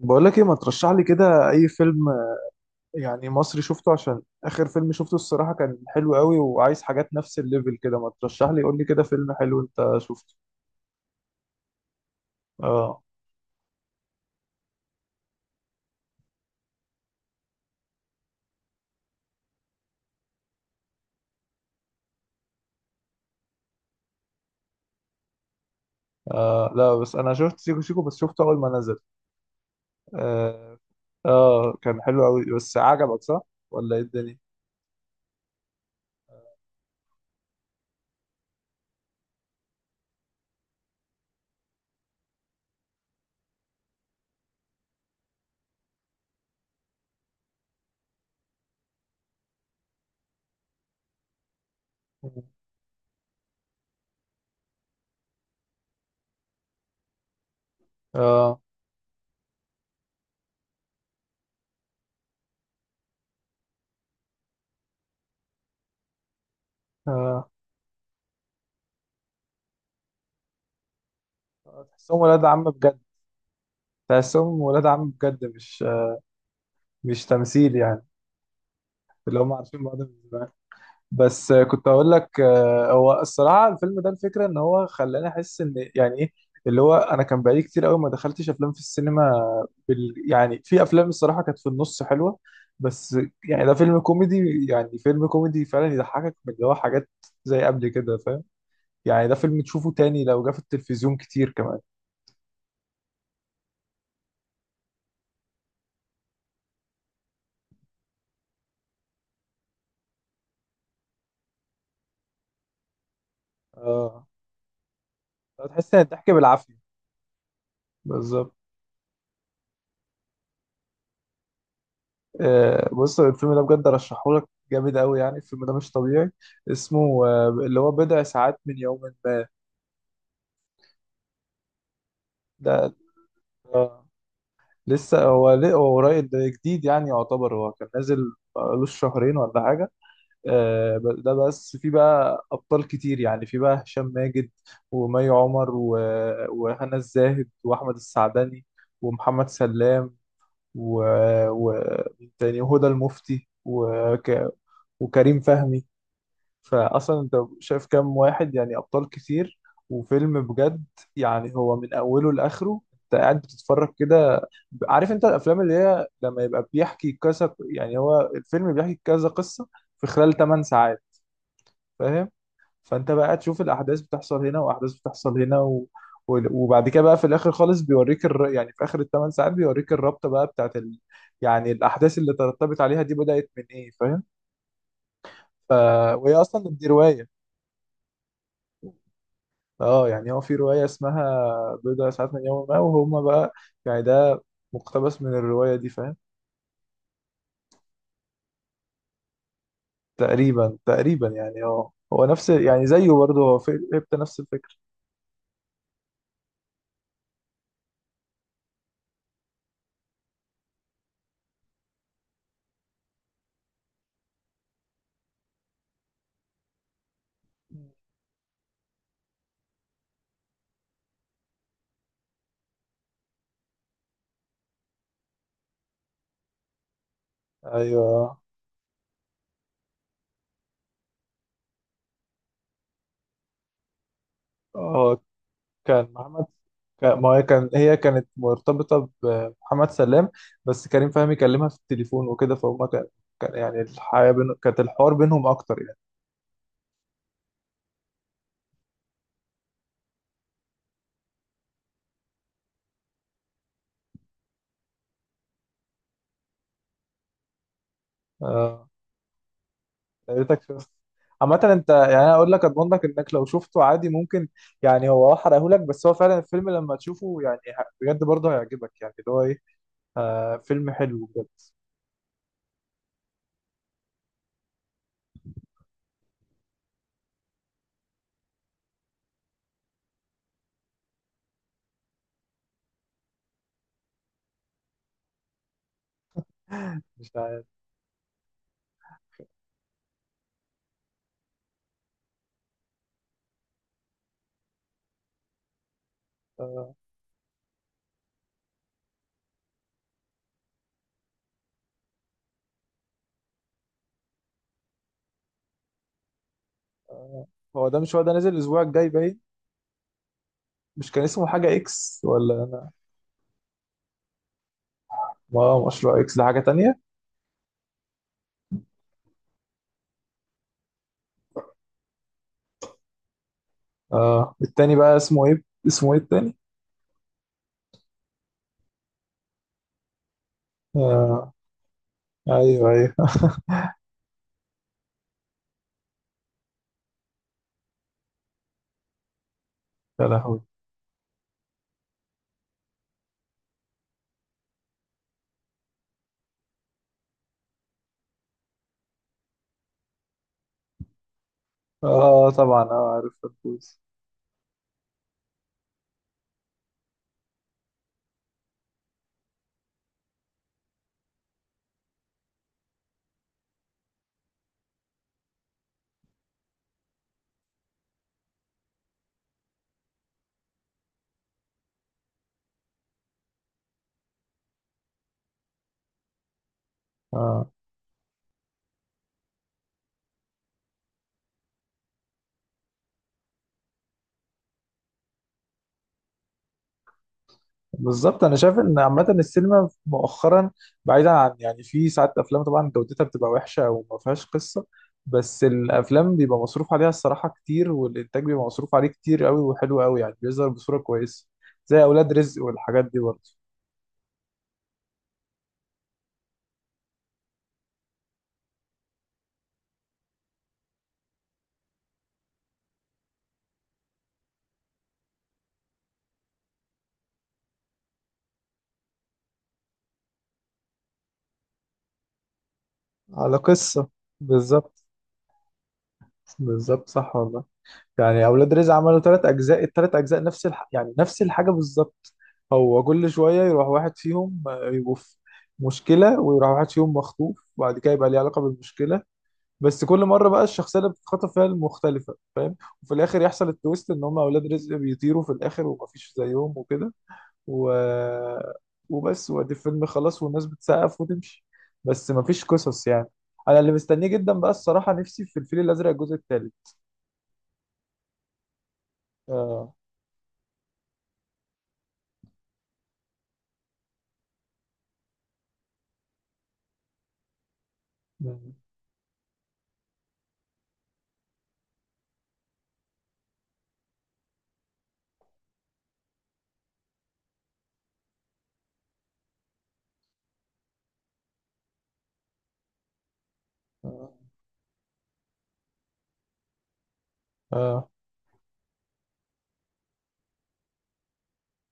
بقول لك ايه، ما ترشح لي كده اي فيلم يعني مصري شفته؟ عشان اخر فيلم شفته الصراحة كان حلو قوي، وعايز حاجات نفس الليفل كده. ما ترشح لي، قول لي كده فيلم حلو انت شفته. اه, آه لا، بس انا شفت سيكو سيكو، بس شفته اول ما نزل. اه, آه، كان حلو قوي، بس عجبك صح ولا ايه الدنيا؟ اه اه آه، تحسهم ولاد عم بجد. تحسهم ولاد عم بجد، مش تمثيل يعني. اللي هم عارفين بعض. بس آه، كنت اقول لك، آه، هو الصراحه الفيلم ده الفكره ان هو خلاني احس ان يعني ايه، اللي هو انا كان بقالي كتير قوي ما دخلتش افلام في السينما. بال يعني في افلام الصراحه كانت في النص حلوه، بس يعني ده فيلم كوميدي، يعني فيلم كوميدي فعلا يضحكك من اللي هو حاجات زي قبل كده، فاهم؟ يعني ده فيلم تشوفه تاني لو جه في التلفزيون كتير كمان. اه، هتحس ان الضحك بالعافيه. بالظبط. آه، بص الفيلم ده بجد ارشحه لك جامد قوي، يعني الفيلم ده مش طبيعي. اسمه آه، اللي هو بضع ساعات من يوم ما. ده آه، لسه هو قريب، ده جديد يعني، يعتبر هو كان نازل بقالوش شهرين ولا حاجة. آه، ده بس في بقى أبطال كتير، يعني في بقى هشام ماجد ومي عمر وهنا الزاهد وأحمد السعدني ومحمد سلام ومين تاني، وهدى المفتي وكريم فهمي. فاصلا انت شايف كام واحد، يعني ابطال كتير. وفيلم بجد، يعني هو من اوله لاخره انت قاعد بتتفرج كده. عارف انت الافلام اللي هي لما يبقى بيحكي كذا، يعني هو الفيلم بيحكي كذا قصة في خلال 8 ساعات، فاهم؟ فانت بقى تشوف الاحداث بتحصل هنا واحداث بتحصل هنا وبعد كده بقى في الاخر خالص يعني في اخر الثمان ساعات بيوريك الرابطه بقى بتاعت يعني الاحداث اللي ترتبت عليها دي بدات من ايه، فاهم؟ ف... وهي اصلا دي روايه. اه، يعني هو في رواية اسمها بضع ساعات من يوم ما، وهما بقى يعني ده مقتبس من الرواية دي، فاهم؟ تقريبا تقريبا، يعني اه هو نفس، يعني زيه برضه، هو في هبت نفس الفكرة. ايوه. اه، كان محمد. ما هي كان هي كانت مرتبطة بمحمد سلام، بس كريم فهمي كلمها في التليفون وكده، فهم كان، كان يعني الحياة بين، كانت الحوار بينهم أكتر يعني. اه، يا ريتك شفت. عامة انت يعني انا اقول لك اضمن لك انك لو شفته عادي ممكن، يعني هو احرقهولك، بس هو فعلا الفيلم لما تشوفه يعني بجد برضه هيعجبك، يعني اللي هو ايه، آه فيلم حلو بجد. مش عارف. آه. آه، هو ده، مش هو ده نازل الاسبوع الجاي باين؟ مش كان اسمه حاجة اكس ولا؟ ما مشروع اكس ده حاجة تانية. آه التاني بقى اسمه ايه، اسمه ايه التاني؟ آه ايوه ايوه. يا لهوي. اه طبعا، اه عارف الفوز. اه. بالظبط، انا شايف ان عامه السينما مؤخرا، بعيدا عن، يعني في ساعات افلام طبعا جودتها بتبقى وحشه او ما فيهاش قصه، بس الافلام بيبقى مصروف عليها الصراحه كتير، والانتاج بيبقى مصروف عليه كتير قوي وحلو قوي، يعني بيظهر بصوره كويسه، زي اولاد رزق والحاجات دي برضه. على قصة، بالظبط. بالظبط، صح والله. يعني اولاد رزق عملوا ثلاث اجزاء، الثلاث اجزاء نفس يعني نفس الحاجه بالظبط. هو كل شويه يروح واحد فيهم آه، يبقوا في مشكله، ويروح واحد فيهم مخطوف وبعد كده يبقى ليه علاقه بالمشكله، بس كل مره بقى الشخصيه اللي بتتخطف فيها المختلفه، فاهم؟ وفي الاخر يحصل التويست ان هم اولاد رزق بيطيروا في الاخر ومفيش زيهم وكده و... وبس، وادي الفيلم خلاص، والناس بتسقف وتمشي. بس مفيش قصص يعني. انا اللي مستنيه جدا بقى الصراحه نفسي في الفيل الازرق الجزء الثالث. آه. يعني، آه. اه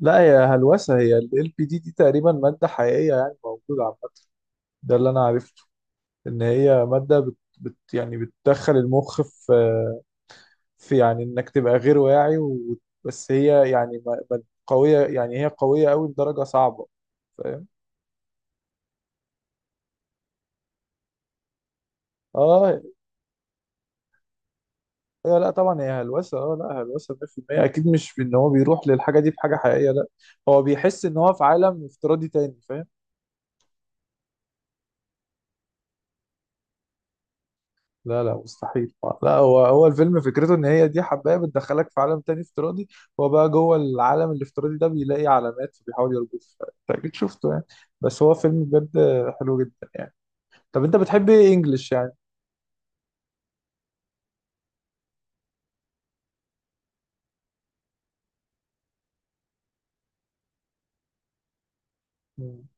لا، هي هلوسة. هي ال LPD دي، دي تقريبا مادة حقيقية يعني موجودة عامة. ده اللي أنا عرفته، إن هي مادة بت يعني بتدخل المخ في، في يعني إنك تبقى غير واعي و... بس هي يعني قوية، يعني هي قوية قوي لدرجة صعبة، فاهم؟ اه، هي لا طبعا هي هلوسة، اه لا، هلوسة 100% أكيد، مش في إن هو بيروح للحاجة دي بحاجة حقيقية، لا. هو بيحس إن هو في عالم افتراضي تاني، فاهم؟ لا لا مستحيل. لا، هو الفيلم فكرته ان هي دي حبايه بتدخلك في عالم تاني افتراضي، هو بقى جوه العالم الافتراضي ده بيلاقي علامات فبيحاول يربطها، انت اكيد شفته يعني. بس هو فيلم بجد حلو جدا يعني. طب انت بتحب ايه، انجلش يعني؟ مم.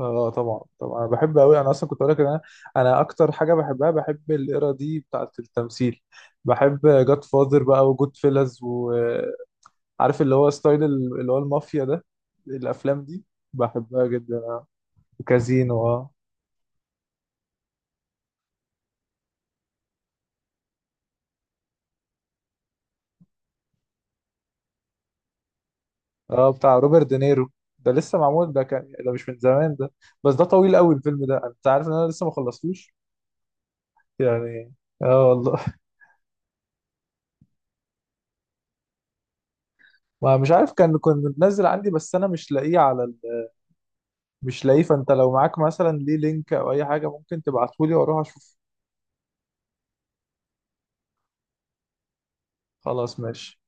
اه طبعا طبعا، انا بحب قوي. انا اصلا كنت اقول لك ان انا، انا اكتر حاجه بحبها، بحب الايرا دي بتاعه التمثيل، بحب جاد فاذر بقى، وجود فيلز، وعارف اللي هو اللي هو المافيا ده، الافلام دي بحبها جدا. كازينو اه. اه بتاع روبرت دينيرو. ده لسه معمول، ده كان ده مش من زمان ده. بس ده طويل قوي الفيلم ده، انت عارف ان انا لسه ما خلصتوش يعني. اه والله. ما مش عارف، كان كنت منزل عندي، بس انا مش لاقيه على مش لاقيه، فانت لو معاك مثلا ليه لينك او اي حاجه ممكن تبعتهولي واروح اشوف. خلاص ماشي.